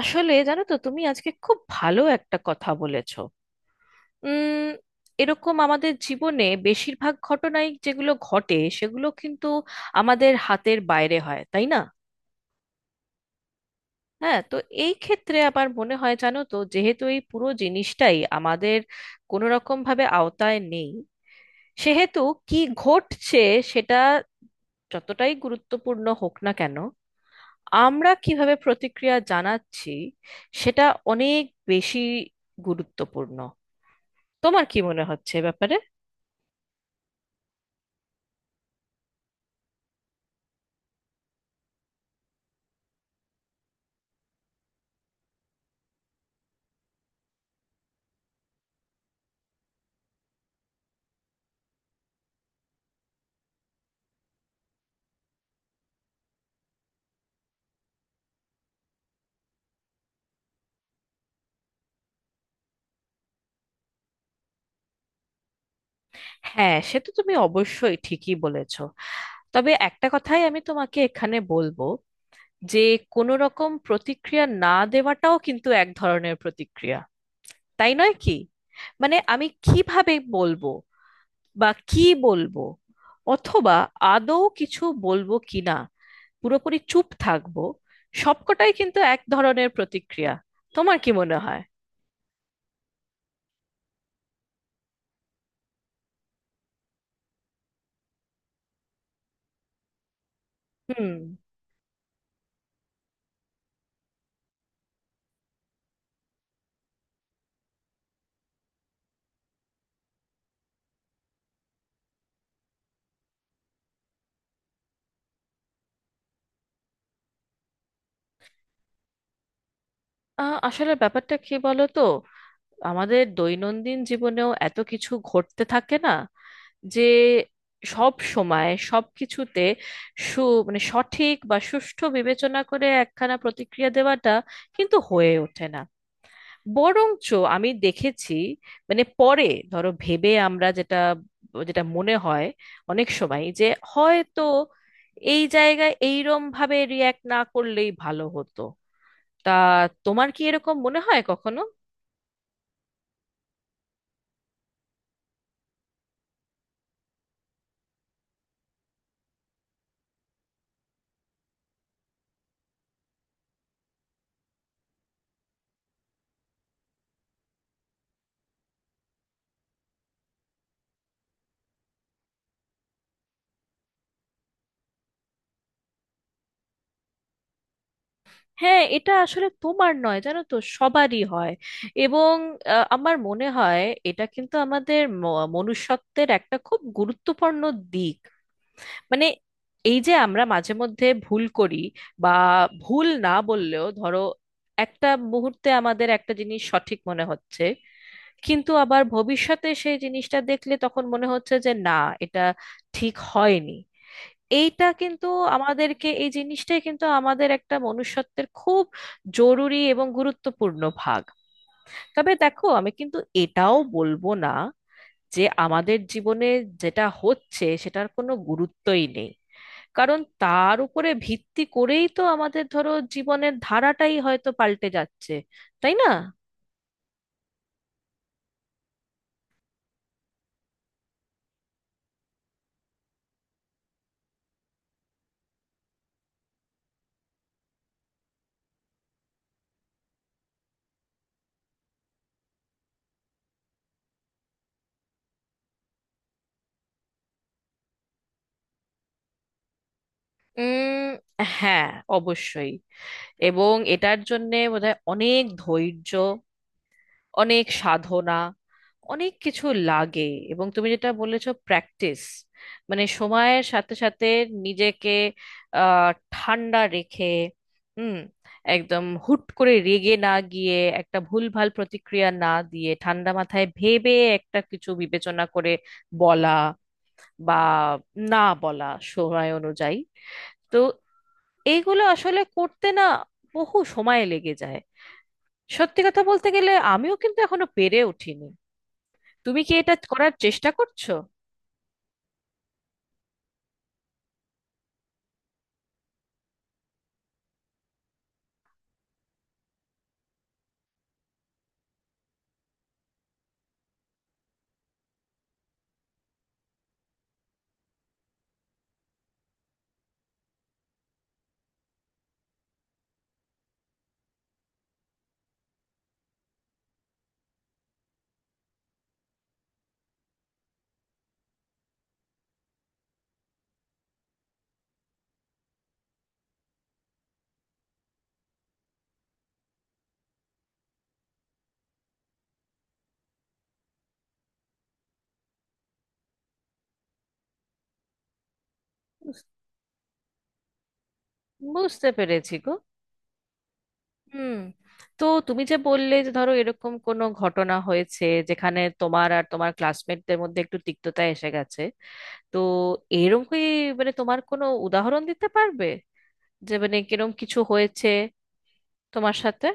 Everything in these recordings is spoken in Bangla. আসলে জানো তো, তুমি আজকে খুব ভালো একটা কথা বলেছো। উম এরকম আমাদের জীবনে বেশিরভাগ ঘটনাই যেগুলো ঘটে সেগুলো কিন্তু আমাদের হাতের বাইরে হয়, তাই না? হ্যাঁ, তো এই ক্ষেত্রে আমার মনে হয় জানো তো, যেহেতু এই পুরো জিনিসটাই আমাদের কোনো রকম ভাবে আওতায় নেই, সেহেতু কি ঘটছে সেটা যতটাই গুরুত্বপূর্ণ হোক না কেন, আমরা কিভাবে প্রতিক্রিয়া জানাচ্ছি সেটা অনেক বেশি গুরুত্বপূর্ণ। তোমার কি মনে হচ্ছে এ ব্যাপারে? হ্যাঁ, সে তো তুমি অবশ্যই ঠিকই বলেছো। তবে একটা কথাই আমি তোমাকে এখানে বলবো, যে কোনো রকম প্রতিক্রিয়া না দেওয়াটাও কিন্তু এক ধরনের প্রতিক্রিয়া, তাই নয় কি? মানে আমি কিভাবে বলবো বা কি বলবো, অথবা আদৌ কিছু বলবো কিনা, পুরোপুরি চুপ থাকবো, সবকটাই কিন্তু এক ধরনের প্রতিক্রিয়া। তোমার কি মনে হয়? হুম। আ, আসলে ব্যাপারটা কি বলো তো, আমাদের দৈনন্দিন জীবনেও এত কিছু ঘটতে থাকে না, যে সব সময় সব কিছুতে সু মানে সঠিক বা সুষ্ঠু বিবেচনা করে একখানা প্রতিক্রিয়া দেওয়াটা কিন্তু হয়ে ওঠে না। বরঞ্চ আমি দেখেছি, মানে পরে ধরো ভেবে আমরা যেটা যেটা মনে হয় অনেক সময় যে হয়তো এই জায়গায় এইরম ভাবে রিয়্যাক্ট না করলেই ভালো হতো। তা তোমার কি এরকম মনে হয় কখনো? হ্যাঁ, এটা আসলে তোমার নয়, জানো তো, সবারই হয়। এবং আমার মনে হয় এটা কিন্তু আমাদের মনুষ্যত্বের একটা খুব গুরুত্বপূর্ণ দিক। মানে এই যে আমরা মাঝে মধ্যে ভুল করি, বা ভুল না বললেও ধরো একটা মুহূর্তে আমাদের একটা জিনিস সঠিক মনে হচ্ছে, কিন্তু আবার ভবিষ্যতে সেই জিনিসটা দেখলে তখন মনে হচ্ছে যে না, এটা ঠিক হয়নি। এইটা কিন্তু আমাদেরকে, এই জিনিসটাই কিন্তু আমাদের একটা মনুষ্যত্বের খুব জরুরি এবং গুরুত্বপূর্ণ ভাগ। তবে দেখো আমি কিন্তু এটাও বলবো না যে আমাদের জীবনে যেটা হচ্ছে সেটার কোনো গুরুত্বই নেই, কারণ তার উপরে ভিত্তি করেই তো আমাদের ধরো জীবনের ধারাটাই হয়তো পাল্টে যাচ্ছে, তাই না? উম হ্যাঁ, অবশ্যই। এবং এটার জন্যে বোধহয় অনেক ধৈর্য, অনেক সাধনা, অনেক কিছু লাগে। এবং তুমি যেটা বলেছো, প্র্যাকটিস। মানে সময়ের সাথে সাথে নিজেকে ঠান্ডা রেখে, হুম, একদম হুট করে রেগে না গিয়ে, একটা ভুলভাল প্রতিক্রিয়া না দিয়ে ঠান্ডা মাথায় ভেবে একটা কিছু বিবেচনা করে বলা বা না বলা, সময় অনুযায়ী। তো এইগুলো আসলে করতে না বহু সময় লেগে যায়। সত্যি কথা বলতে গেলে আমিও কিন্তু এখনো পেরে উঠিনি। তুমি কি এটা করার চেষ্টা করছো? বুঝতে পেরেছি গো। হুম। তো তুমি যে বললে যে ধরো এরকম কোনো ঘটনা হয়েছে যেখানে তোমার আর তোমার ক্লাসমেটদের মধ্যে একটু তিক্ততা এসে গেছে, তো এরকম কি, মানে তোমার কোনো উদাহরণ দিতে পারবে যে মানে কিরম কিছু হয়েছে তোমার সাথে?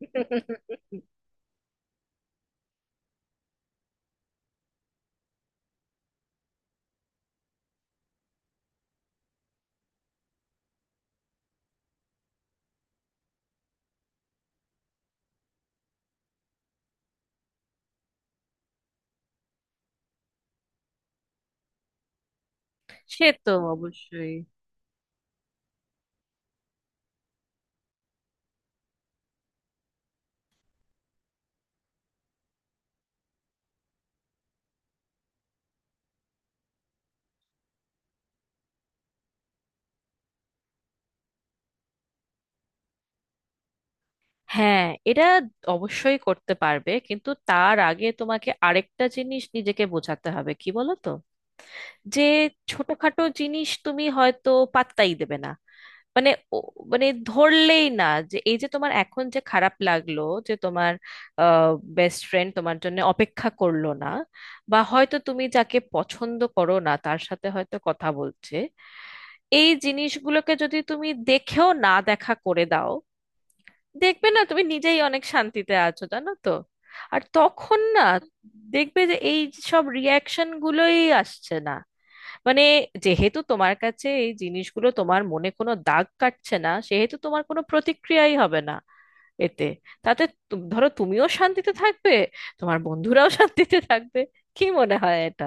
সে তো অবশ্যই। হ্যাঁ, এটা অবশ্যই করতে পারবে, কিন্তু তার আগে তোমাকে আরেকটা জিনিস নিজেকে বোঝাতে হবে, কি বলো তো, যে ছোটখাটো জিনিস তুমি হয়তো পাত্তাই দেবে না। মানে ও- মানে ধরলেই না যে এই যে তোমার এখন যে খারাপ লাগলো যে তোমার বেস্ট ফ্রেন্ড তোমার জন্য অপেক্ষা করলো না, বা হয়তো তুমি যাকে পছন্দ করো না তার সাথে হয়তো কথা বলছে, এই জিনিসগুলোকে যদি তুমি দেখেও না দেখা করে দাও, দেখবে না তুমি নিজেই অনেক শান্তিতে আছো, জানো তো? আর তখন না দেখবে যে এই সব রিয়াকশন গুলোই আসছে না। মানে যেহেতু তোমার কাছে এই জিনিসগুলো তোমার মনে কোনো দাগ কাটছে না, সেহেতু তোমার কোনো প্রতিক্রিয়াই হবে না এতে। তাতে ধরো তুমিও শান্তিতে থাকবে, তোমার বন্ধুরাও শান্তিতে থাকবে। কি মনে হয় এটা?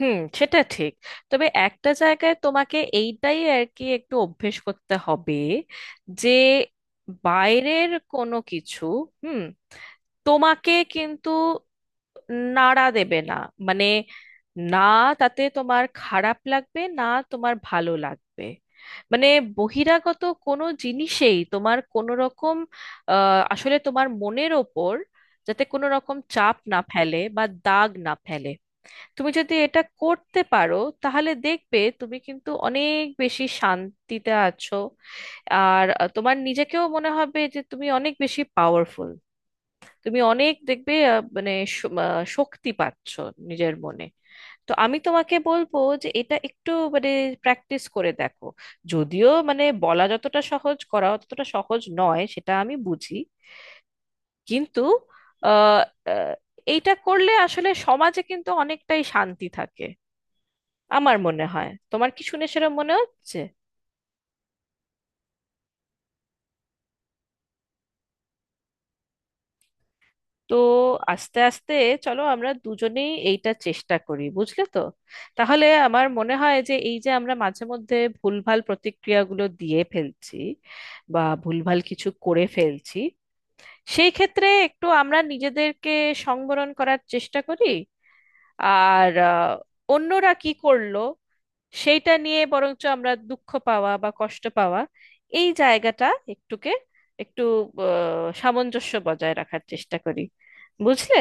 হুম, সেটা ঠিক। তবে একটা জায়গায় তোমাকে এইটাই আর কি একটু অভ্যেস করতে হবে, যে বাইরের কোনো কিছু, হুম, তোমাকে কিন্তু নাড়া দেবে না। মানে না, তাতে তোমার খারাপ লাগবে না, তোমার ভালো লাগবে। মানে বহিরাগত কোনো জিনিসেই তোমার কোনো রকম আসলে তোমার মনের ওপর যাতে কোনো রকম চাপ না ফেলে বা দাগ না ফেলে। তুমি যদি এটা করতে পারো, তাহলে দেখবে তুমি কিন্তু অনেক বেশি শান্তিতে আছো। আর তোমার নিজেকেও মনে হবে যে তুমি অনেক বেশি পাওয়ারফুল। তুমি অনেক দেখবে, মানে শক্তি পাচ্ছো নিজের মনে। তো আমি তোমাকে বলবো যে এটা একটু মানে প্র্যাকটিস করে দেখো। যদিও মানে বলা যতটা সহজ করা ততটা সহজ নয়, সেটা আমি বুঝি। কিন্তু আহ, আহ, এইটা করলে আসলে সমাজে কিন্তু অনেকটাই শান্তি থাকে আমার মনে হয়। তোমার কি শুনে সেরকম মনে হচ্ছে? তো আস্তে আস্তে চলো আমরা দুজনেই এইটা চেষ্টা করি, বুঝলে তো? তাহলে আমার মনে হয় যে এই যে আমরা মাঝে মধ্যে ভুলভাল প্রতিক্রিয়াগুলো দিয়ে ফেলছি বা ভুলভাল কিছু করে ফেলছি, সেই ক্ষেত্রে একটু আমরা নিজেদেরকে সংবরণ করার চেষ্টা করি। আর অন্যরা কি করলো সেইটা নিয়ে বরঞ্চ আমরা দুঃখ পাওয়া বা কষ্ট পাওয়া, এই জায়গাটা একটুকে একটু সামঞ্জস্য বজায় রাখার চেষ্টা করি, বুঝলে?